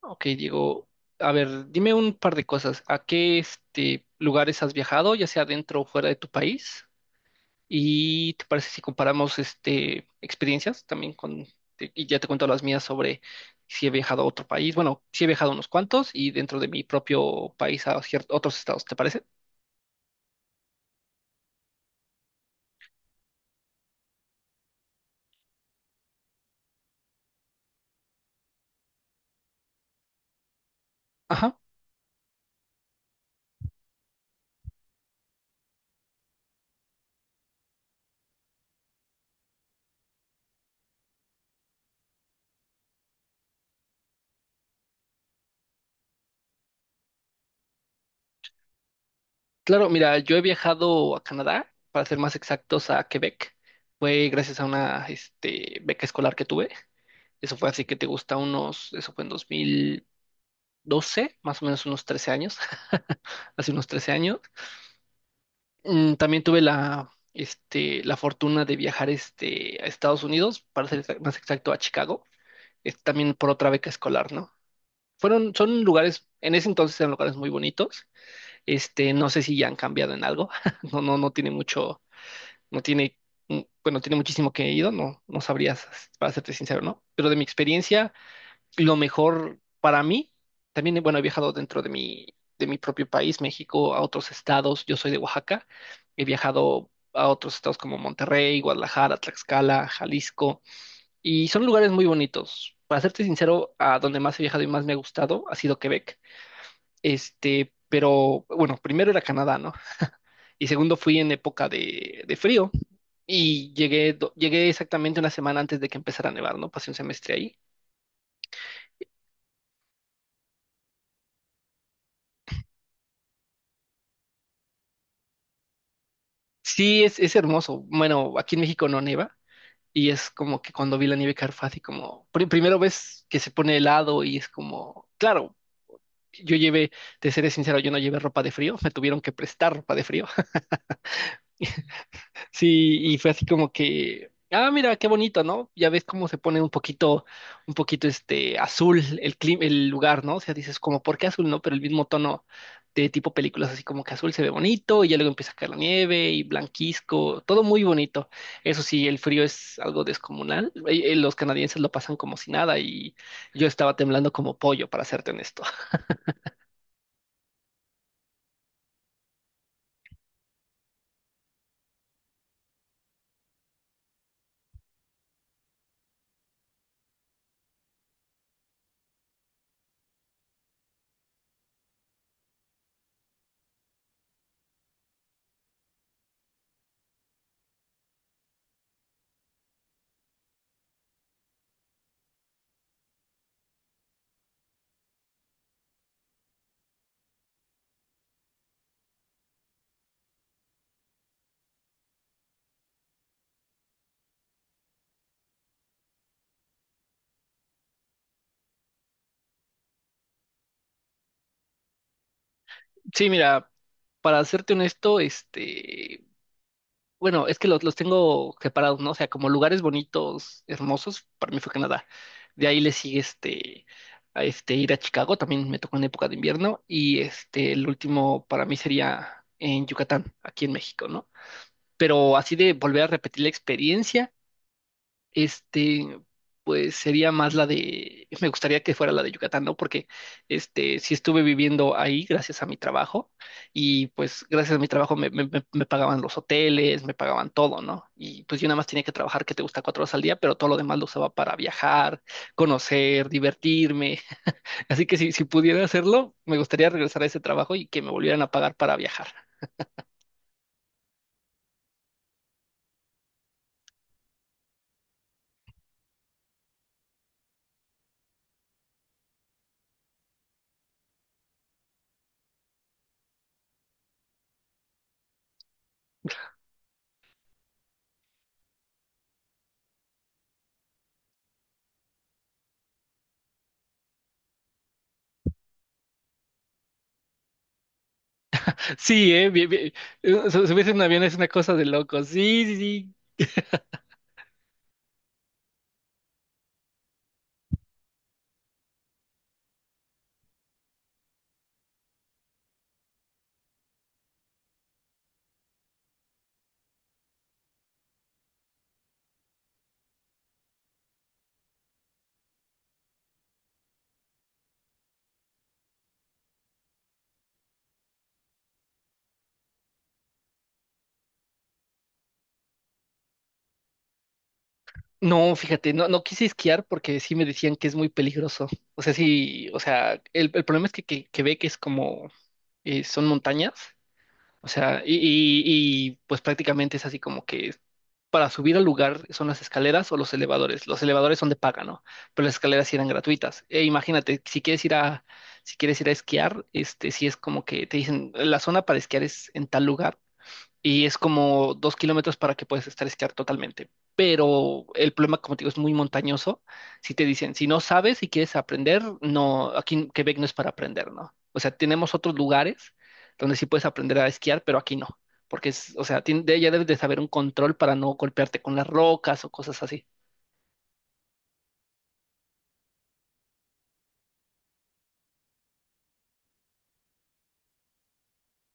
Ok, Diego, a ver, dime un par de cosas. ¿A qué lugares has viajado, ya sea dentro o fuera de tu país? ¿Y te parece si comparamos experiencias también con. Y ya te cuento las mías sobre si he viajado a otro país? Bueno, sí he viajado a unos cuantos y dentro de mi propio país a otros estados, ¿te parece? Ajá. Claro, mira, yo he viajado a Canadá, para ser más exactos, a Quebec. Fue gracias a una beca escolar que tuve. Eso fue así que te gusta unos, eso fue en 2000 12, más o menos unos 13 años, hace unos 13 años. También tuve la fortuna de viajar a Estados Unidos, para ser más exacto a Chicago, también por otra beca escolar, ¿no? Fueron, son lugares, en ese entonces eran lugares muy bonitos. No sé si ya han cambiado en algo. No, no, no tiene mucho, no tiene, bueno, tiene muchísimo que he ido, no, no sabrías, para serte sincero, ¿no? Pero de mi experiencia, lo mejor para mí, también, bueno, he viajado dentro de de mi propio país, México, a otros estados. Yo soy de Oaxaca. He viajado a otros estados como Monterrey, Guadalajara, Tlaxcala, Jalisco. Y son lugares muy bonitos. Para serte sincero, a donde más he viajado y más me ha gustado ha sido Quebec. Pero bueno, primero era Canadá, ¿no? Y segundo fui en época de frío y llegué, llegué exactamente una semana antes de que empezara a nevar, ¿no? Pasé un semestre ahí. Sí, es hermoso. Bueno, aquí en México no neva y es como que cuando vi la nieve caer fue así como, primero ves que se pone helado y es como, claro, yo llevé, te seré sincero, yo no llevé ropa de frío, me tuvieron que prestar ropa de frío. Sí, y fue así como que, ah, mira, qué bonito, ¿no? Ya ves cómo se pone un poquito este azul el clima, el lugar, ¿no? O sea, dices como, ¿por qué azul, no? Pero el mismo tono de tipo películas, así como que azul se ve bonito, y ya luego empieza a caer la nieve y blanquisco, todo muy bonito. Eso sí, el frío es algo descomunal. Los canadienses lo pasan como si nada, y yo estaba temblando como pollo, para serte honesto. Sí, mira, para serte honesto. Bueno, es que los tengo separados, ¿no? O sea, como lugares bonitos, hermosos, para mí fue Canadá. De ahí le sigue a este ir a Chicago, también me tocó en época de invierno. Y el último para mí sería en Yucatán, aquí en México, ¿no? Pero así de volver a repetir la experiencia este, pues sería más la de, me gustaría que fuera la de Yucatán, ¿no? Porque, sí estuve viviendo ahí gracias a mi trabajo y pues gracias a mi trabajo me pagaban los hoteles, me pagaban todo, ¿no? Y pues yo nada más tenía que trabajar, que te gusta 4 horas al día, pero todo lo demás lo usaba para viajar, conocer, divertirme. Así que si, si pudiera hacerlo, me gustaría regresar a ese trabajo y que me volvieran a pagar para viajar. Sí, bien, bien. Subirse en un avión es una cosa de locos. Sí, sí, sí. No, fíjate, no, no quise esquiar porque sí me decían que es muy peligroso. O sea, sí, o sea, el problema es que ve que es como, son montañas, o sea, y pues prácticamente es así como que para subir al lugar son las escaleras o los elevadores. Los elevadores son de paga, ¿no? Pero las escaleras sí eran gratuitas. E imagínate, si quieres ir a esquiar, sí es como que te dicen, la zona para esquiar es en tal lugar y es como 2 kilómetros para que puedas estar esquiar totalmente. Pero el problema, como te digo, es muy montañoso. Si te dicen, si no sabes y quieres aprender, no, aquí en Quebec no es para aprender, ¿no? O sea, tenemos otros lugares donde sí puedes aprender a esquiar, pero aquí no. Porque es, o sea, ya debes de saber un control para no golpearte con las rocas o cosas así.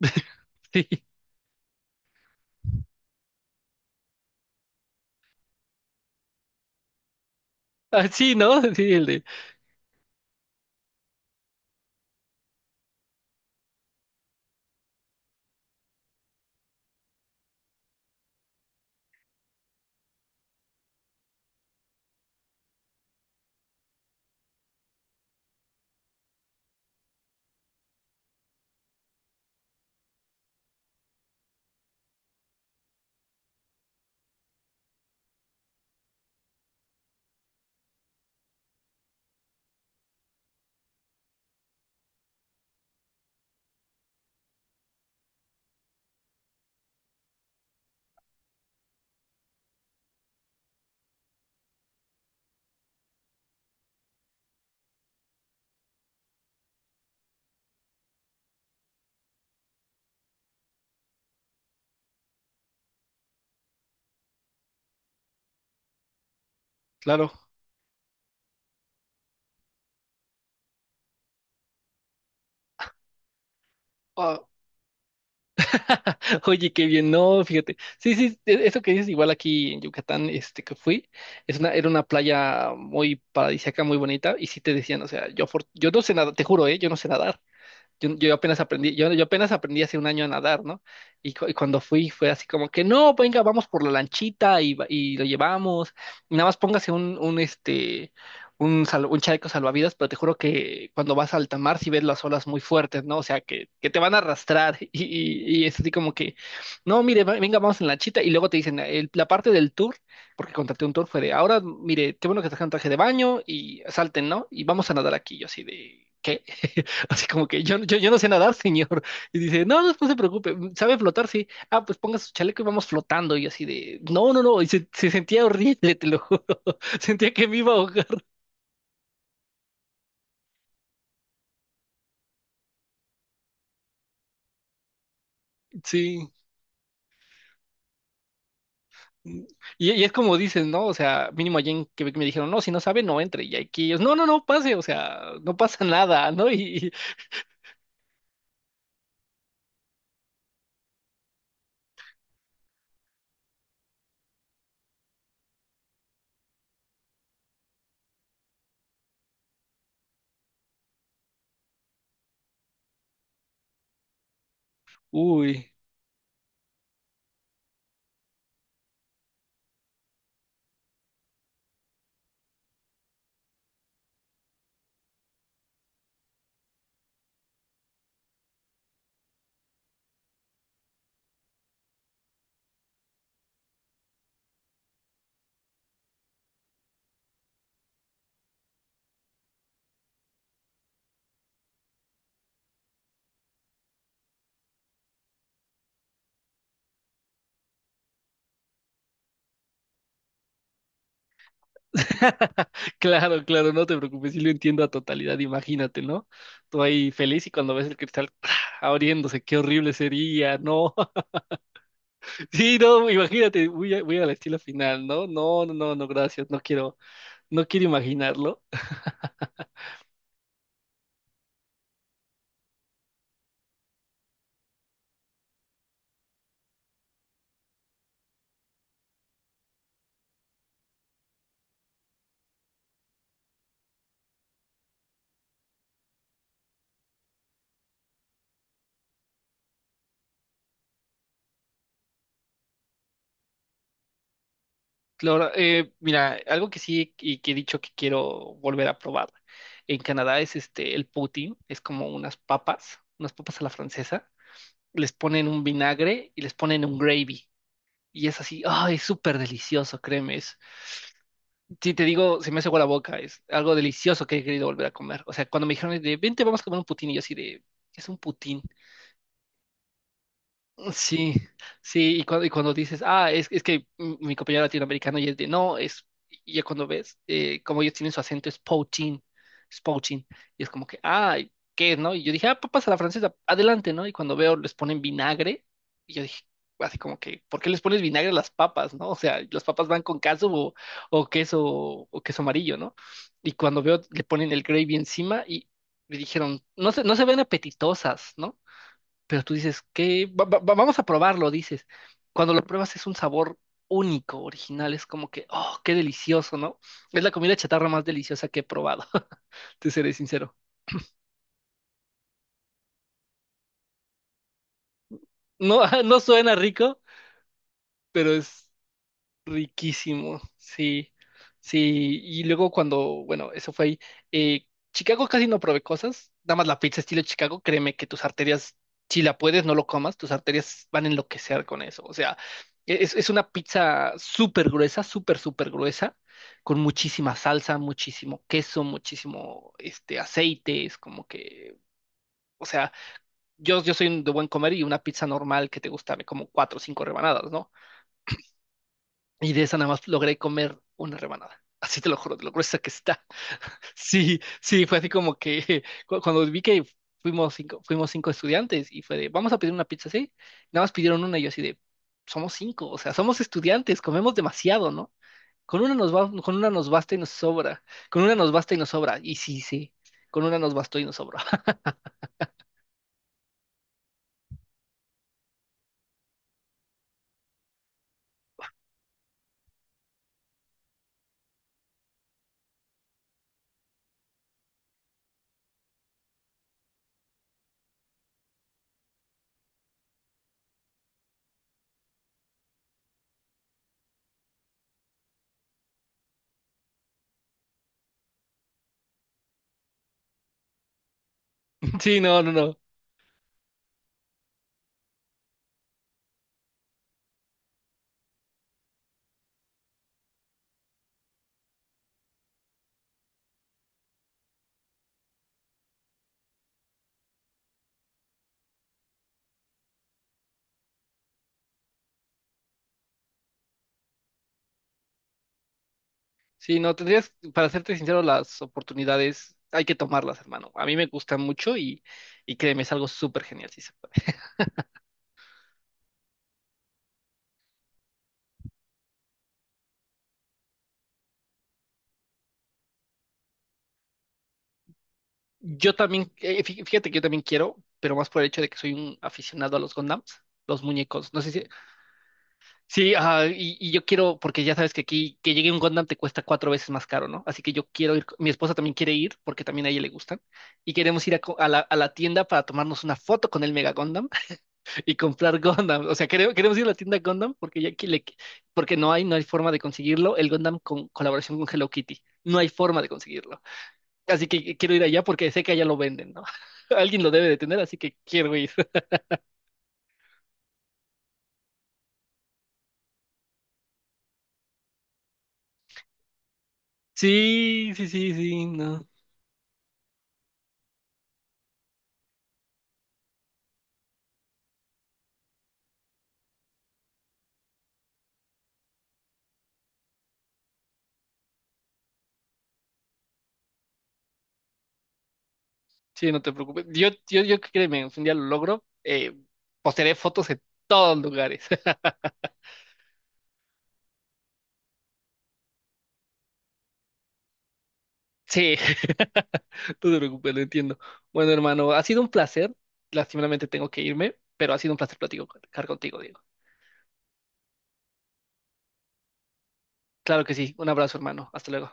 Sí, ah, sí, ¿no? Sí, el de, claro. Ah, oye, qué bien, no, fíjate. Sí, sí, eso que dices, igual aquí en Yucatán, este que fui, es una, era una playa muy paradisíaca, muy bonita, y sí te decían, o sea, yo, yo no sé nada, te juro, ¿eh? Yo no sé nadar, yo apenas aprendí hace un año a nadar, ¿no? Y, y cuando fui fue así como que, no, venga, vamos por la lanchita y lo llevamos, y nada más póngase un chaleco salvavidas, pero te juro que cuando vas a alta mar sí ves las olas muy fuertes, ¿no? O sea, que te van a arrastrar y es así como que, no, mire, venga, vamos en la lanchita y luego te dicen, "El- la parte del tour, porque contraté un tour, fue de, ahora, mire, qué bueno que trajeron traje de baño y salten, ¿no? Y vamos a nadar aquí, yo así de... ¿Qué? Así como que yo no sé nadar, señor. Y dice, no, no, no se preocupe, sabe flotar, sí. Ah, pues ponga su chaleco y vamos flotando. Y así de, no, no, no. Y se sentía horrible, te lo juro. Sentía que me iba a ahogar. Sí. Y es como dicen, ¿no? O sea, mínimo allí en Quebec me dijeron, no, si no sabe, no entre. Y aquí ellos, no, no, no, pase, o sea, no pasa nada, ¿no? Uy. Claro, claro, no te preocupes, sí lo entiendo a totalidad, imagínate, ¿no? Tú ahí feliz y cuando ves el cristal, ¡ah!, abriéndose, qué horrible sería, no. Sí, no, imagínate, voy a la estilo final, ¿no? No, no, no, no, gracias, no quiero, no quiero imaginarlo. Claro, mira, algo que sí y que he dicho que quiero volver a probar en Canadá es el poutine, es como unas papas a la francesa, les ponen un vinagre y les ponen un gravy. Y es así, ay, es súper delicioso, créeme. Es, si te digo, se me hace agua la boca, es algo delicioso que he querido volver a comer. O sea, cuando me dijeron de, vente, vamos a comer un poutine, y yo así de, ¿qué es un poutine? Sí, sí, y cuando dices, ah, es que mi compañero latinoamericano y es de, no, es, y ya cuando ves, como ellos tienen su acento, es poaching, y es como que, ah, ¿qué es, no? Y yo dije, ah, papas a la francesa, adelante, ¿no? Y cuando veo, les ponen vinagre, y yo dije, así como que, ¿por qué les pones vinagre a las papas, no? O sea, las papas van con queso o queso, o queso amarillo, ¿no? Y cuando veo, le ponen el gravy encima y me dijeron, no se, no se ven apetitosas, ¿no? Pero tú dices, ¿qué? Vamos a probarlo, dices. Cuando lo pruebas es un sabor único, original, es como que, oh, qué delicioso, ¿no? Es la comida chatarra más deliciosa que he probado, te seré sincero. No, no suena rico, pero es riquísimo, sí, sí. Y luego cuando, bueno, eso fue ahí. eh, Chicago casi no probé cosas, nada más la pizza estilo Chicago, créeme que tus arterias, si la puedes, no lo comas, tus arterias van a enloquecer con eso. O sea, es una pizza súper gruesa, súper, súper gruesa, con muchísima salsa, muchísimo queso, muchísimo aceite, es como que, o sea, yo soy de buen comer y una pizza normal que te gusta, me como cuatro o cinco rebanadas, ¿no? Y de esa nada más logré comer una rebanada. Así te lo juro, de lo gruesa que está. Sí, sí, fue así como que cuando vi que fuimos cinco estudiantes y fue de, vamos a pedir una pizza, ¿sí? Nada más pidieron una y yo así de, somos cinco, o sea, somos estudiantes, comemos demasiado, ¿no? Con una nos va, con una nos basta y nos sobra. Con una nos basta y nos sobra. Y sí, sí, con una nos bastó y nos sobra. Sí, no, no, no. Sí, no, tendrías, para serte sincero, las oportunidades hay que tomarlas, hermano. A mí me gusta mucho y créeme, es algo súper genial, si se puede. Yo también, fíjate que yo también quiero, pero más por el hecho de que soy un aficionado a los Gondams, los muñecos. No sé si, sí, ajá, y yo quiero, porque ya sabes que aquí, que llegue un Gundam te cuesta cuatro veces más caro, ¿no? Así que yo quiero ir, mi esposa también quiere ir, porque también a ella le gustan, y queremos ir a la tienda para tomarnos una foto con el Mega Gundam, y comprar Gundam. O sea, queremos ir a la tienda Gundam porque ya que le- porque no hay, no hay forma de conseguirlo. El Gundam con colaboración con Hello Kitty. No hay forma de conseguirlo. Así que quiero ir allá porque sé que allá lo venden, ¿no? Alguien lo debe de tener, así que quiero ir. Sí, sí, sí, sí, no. Sí, no te preocupes. Yo créeme, si un día lo logro. Postearé fotos en todos lugares. Sí, no te preocupes, lo entiendo. Bueno, hermano, ha sido un placer. Lastimeramente tengo que irme, pero ha sido un placer platicar contigo, Diego. Claro que sí. Un abrazo, hermano. Hasta luego.